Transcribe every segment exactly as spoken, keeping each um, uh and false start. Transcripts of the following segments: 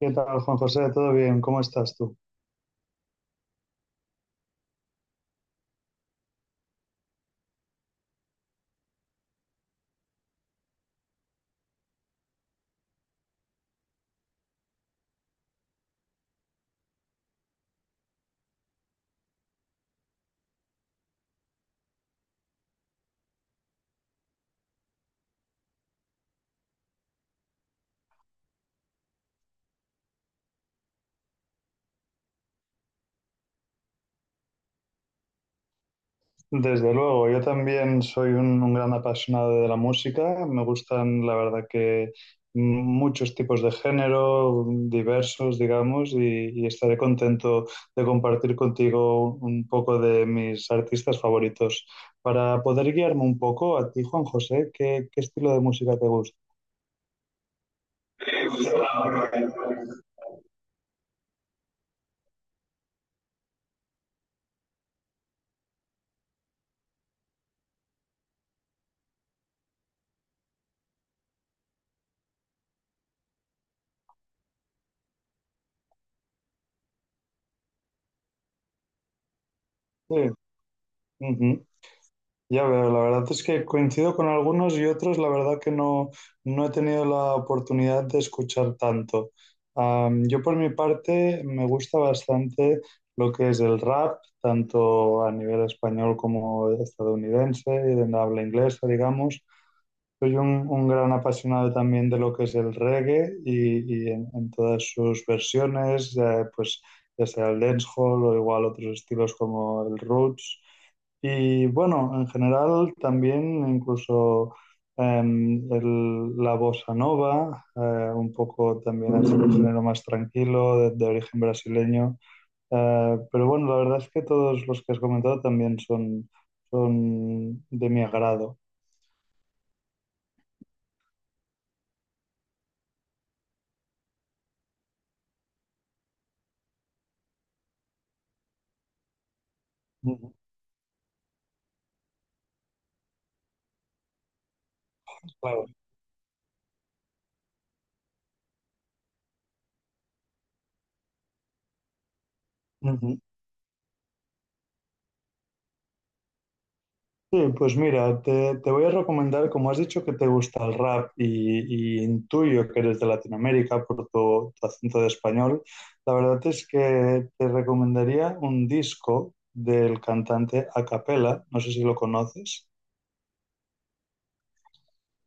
¿Qué tal, Juan José? ¿Todo bien? ¿Cómo estás tú? Desde luego, yo también soy un, un gran apasionado de la música. Me gustan, la verdad, que muchos tipos de género, diversos, digamos, y, y estaré contento de compartir contigo un poco de mis artistas favoritos. Para poder guiarme un poco a ti, Juan José, ¿qué, qué estilo de música te gusta? Sí. Ujú. Ya veo, la verdad es que coincido con algunos y otros, la verdad que no, no he tenido la oportunidad de escuchar tanto. Am, yo por mi parte me gusta bastante lo que es el rap, tanto a nivel español como estadounidense y de habla inglesa, digamos. Soy un, un gran apasionado también de lo que es el reggae y, y en, en todas sus versiones, eh, pues ya sea el dancehall o igual otros estilos como el roots. Y bueno, en general también incluso em, el- la bossa nova, eh, un poco también es un género más tranquilo, de, de origen brasileño. Eh, pero bueno, la verdad es que todos los que has comentado también son, son de mi agrado. Ujú. Claro. Ujú. Sí, pues mira, te, te voy a recomendar, como has dicho que te gusta el rap y, y intuyo que eres de Latinoamérica por tu, tu acento de español, la verdad es que te recomendaría un disco del cantante Acapella, no sé si lo conoces.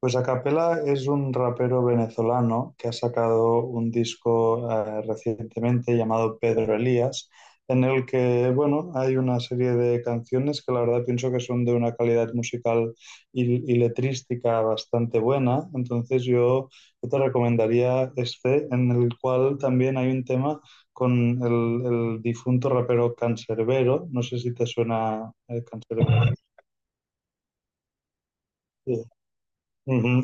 Pues Acapela es un rapero venezolano que ha sacado un disco eh, recientemente llamado Pedro Elías, en el que, bueno, hay una serie de canciones que la verdad pienso que son de una calidad musical y, y letrística bastante buena. Entonces yo, yo te recomendaría este, en el cual también hay un tema con el, el difunto rapero Canserbero. No sé si te suena el Canserbero. Ajá. Sí. Ujú.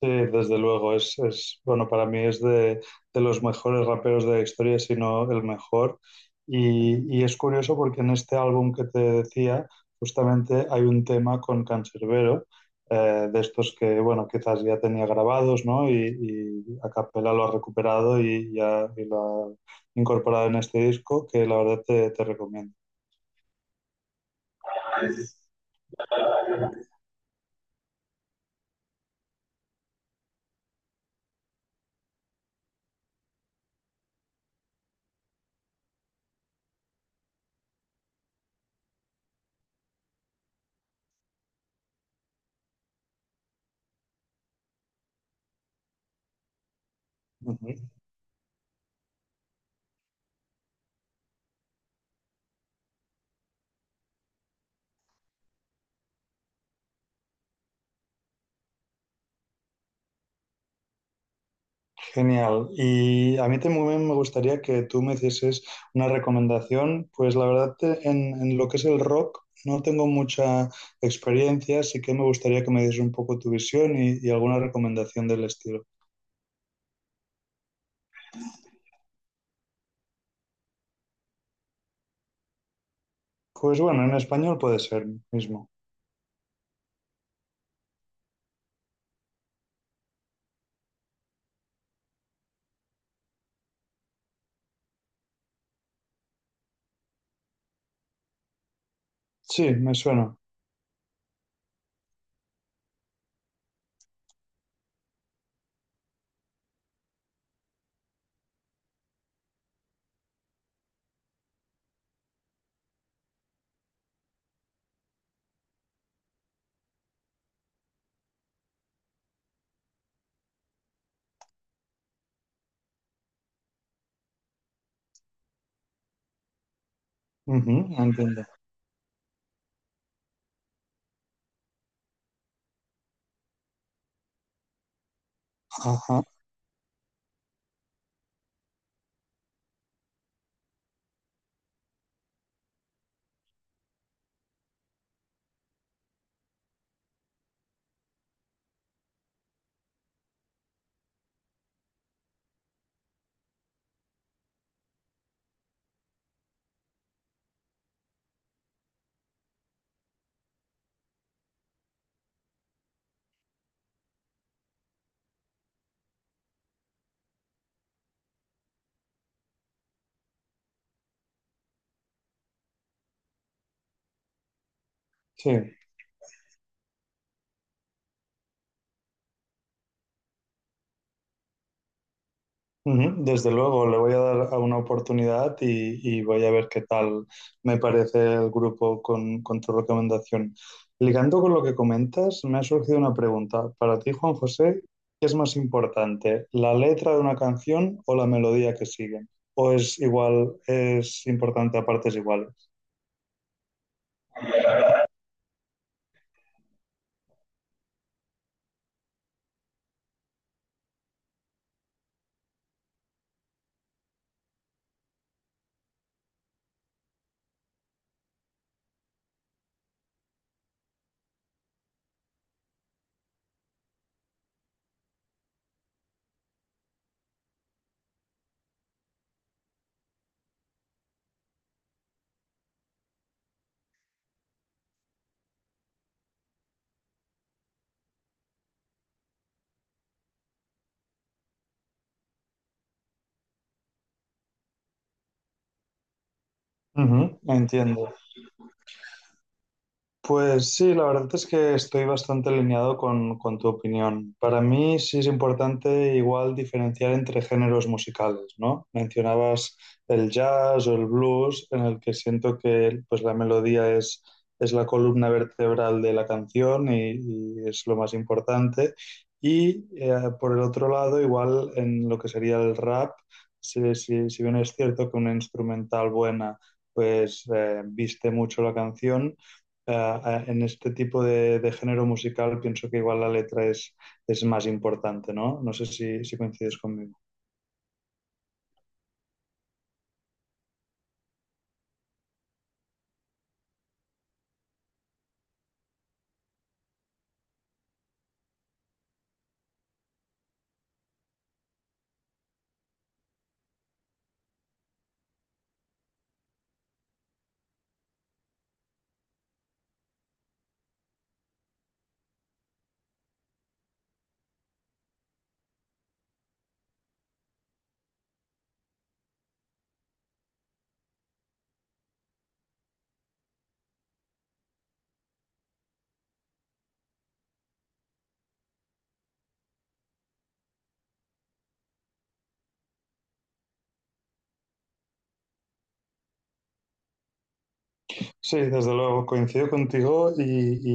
Sí, desde luego, es, es bueno, para mí es de, de los mejores raperos de la historia, si no el mejor. Y, y es curioso porque en este álbum que te decía, justamente hay un tema con Canserbero, eh, de estos que, bueno, quizás ya tenía grabados, ¿no? Y, y a capela lo ha recuperado y, ya, y lo ha incorporado en este disco, que la verdad te, te recomiendo. Ujú. Genial. Y a mí también me gustaría que tú me hicieses una recomendación. Pues la verdad, te- en, en lo que es el rock, no tengo mucha experiencia, así que me gustaría que me dieses un poco tu visión y, y alguna recomendación del estilo. Pues bueno, en español puede ser mismo. Sí, me suena. Ujú, entiendo. Ajá, sí. Ujú, desde luego, le voy a dar a una oportunidad y, y voy a ver qué tal me parece el grupo con, con tu recomendación. Ligando con lo que comentas, me ha surgido una pregunta. Para ti, Juan José, ¿qué es más importante, la letra de una canción o la melodía que sigue? ¿O es igual, es importante a partes iguales? Ujú, entiendo. Pues sí, la verdad es que estoy bastante alineado con, con tu opinión. Para mí sí es importante igual diferenciar entre géneros musicales, ¿no? Mencionabas el jazz o el blues, en el que siento que pues, la melodía es, es la columna vertebral de la canción y, y es lo más importante. Y eh, por el otro lado, igual en lo que sería el rap, si, si si bien es cierto que una instrumental buena pues eh, viste mucho la canción, ah, en este tipo de, de género musical pienso que igual la letra es, es más importante, ¿no? No sé si, si coincides conmigo. Sí, desde luego, coincido contigo y,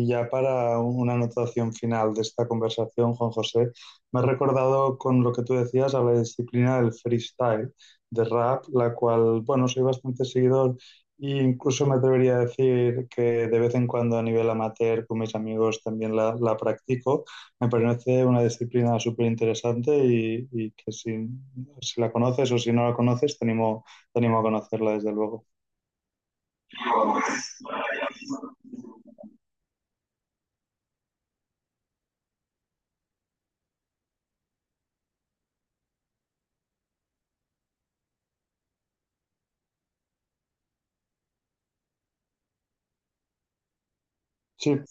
y ya para una anotación final de esta conversación, Juan José, me he recordado con lo que tú decías a la disciplina del freestyle, de rap, la cual, bueno, soy bastante seguidor e incluso me atrevería a decir que de vez en cuando a nivel amateur con mis amigos también la, la practico. Me parece una disciplina súper interesante y, y que si, si la conoces o si no la conoces, te animo, te animo a conocerla, desde luego. Sí,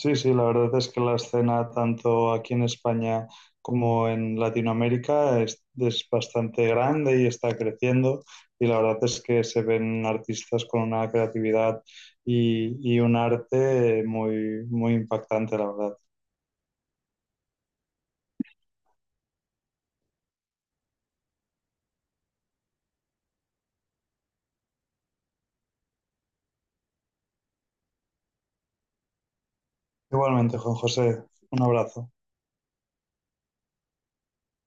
sí, sí, la verdad es que la escena tanto aquí en España como en Latinoamérica es, es bastante grande y está creciendo y la verdad es que se ven artistas con una creatividad y, y un arte muy, muy impactante, la verdad. Igualmente, Juan José, un abrazo.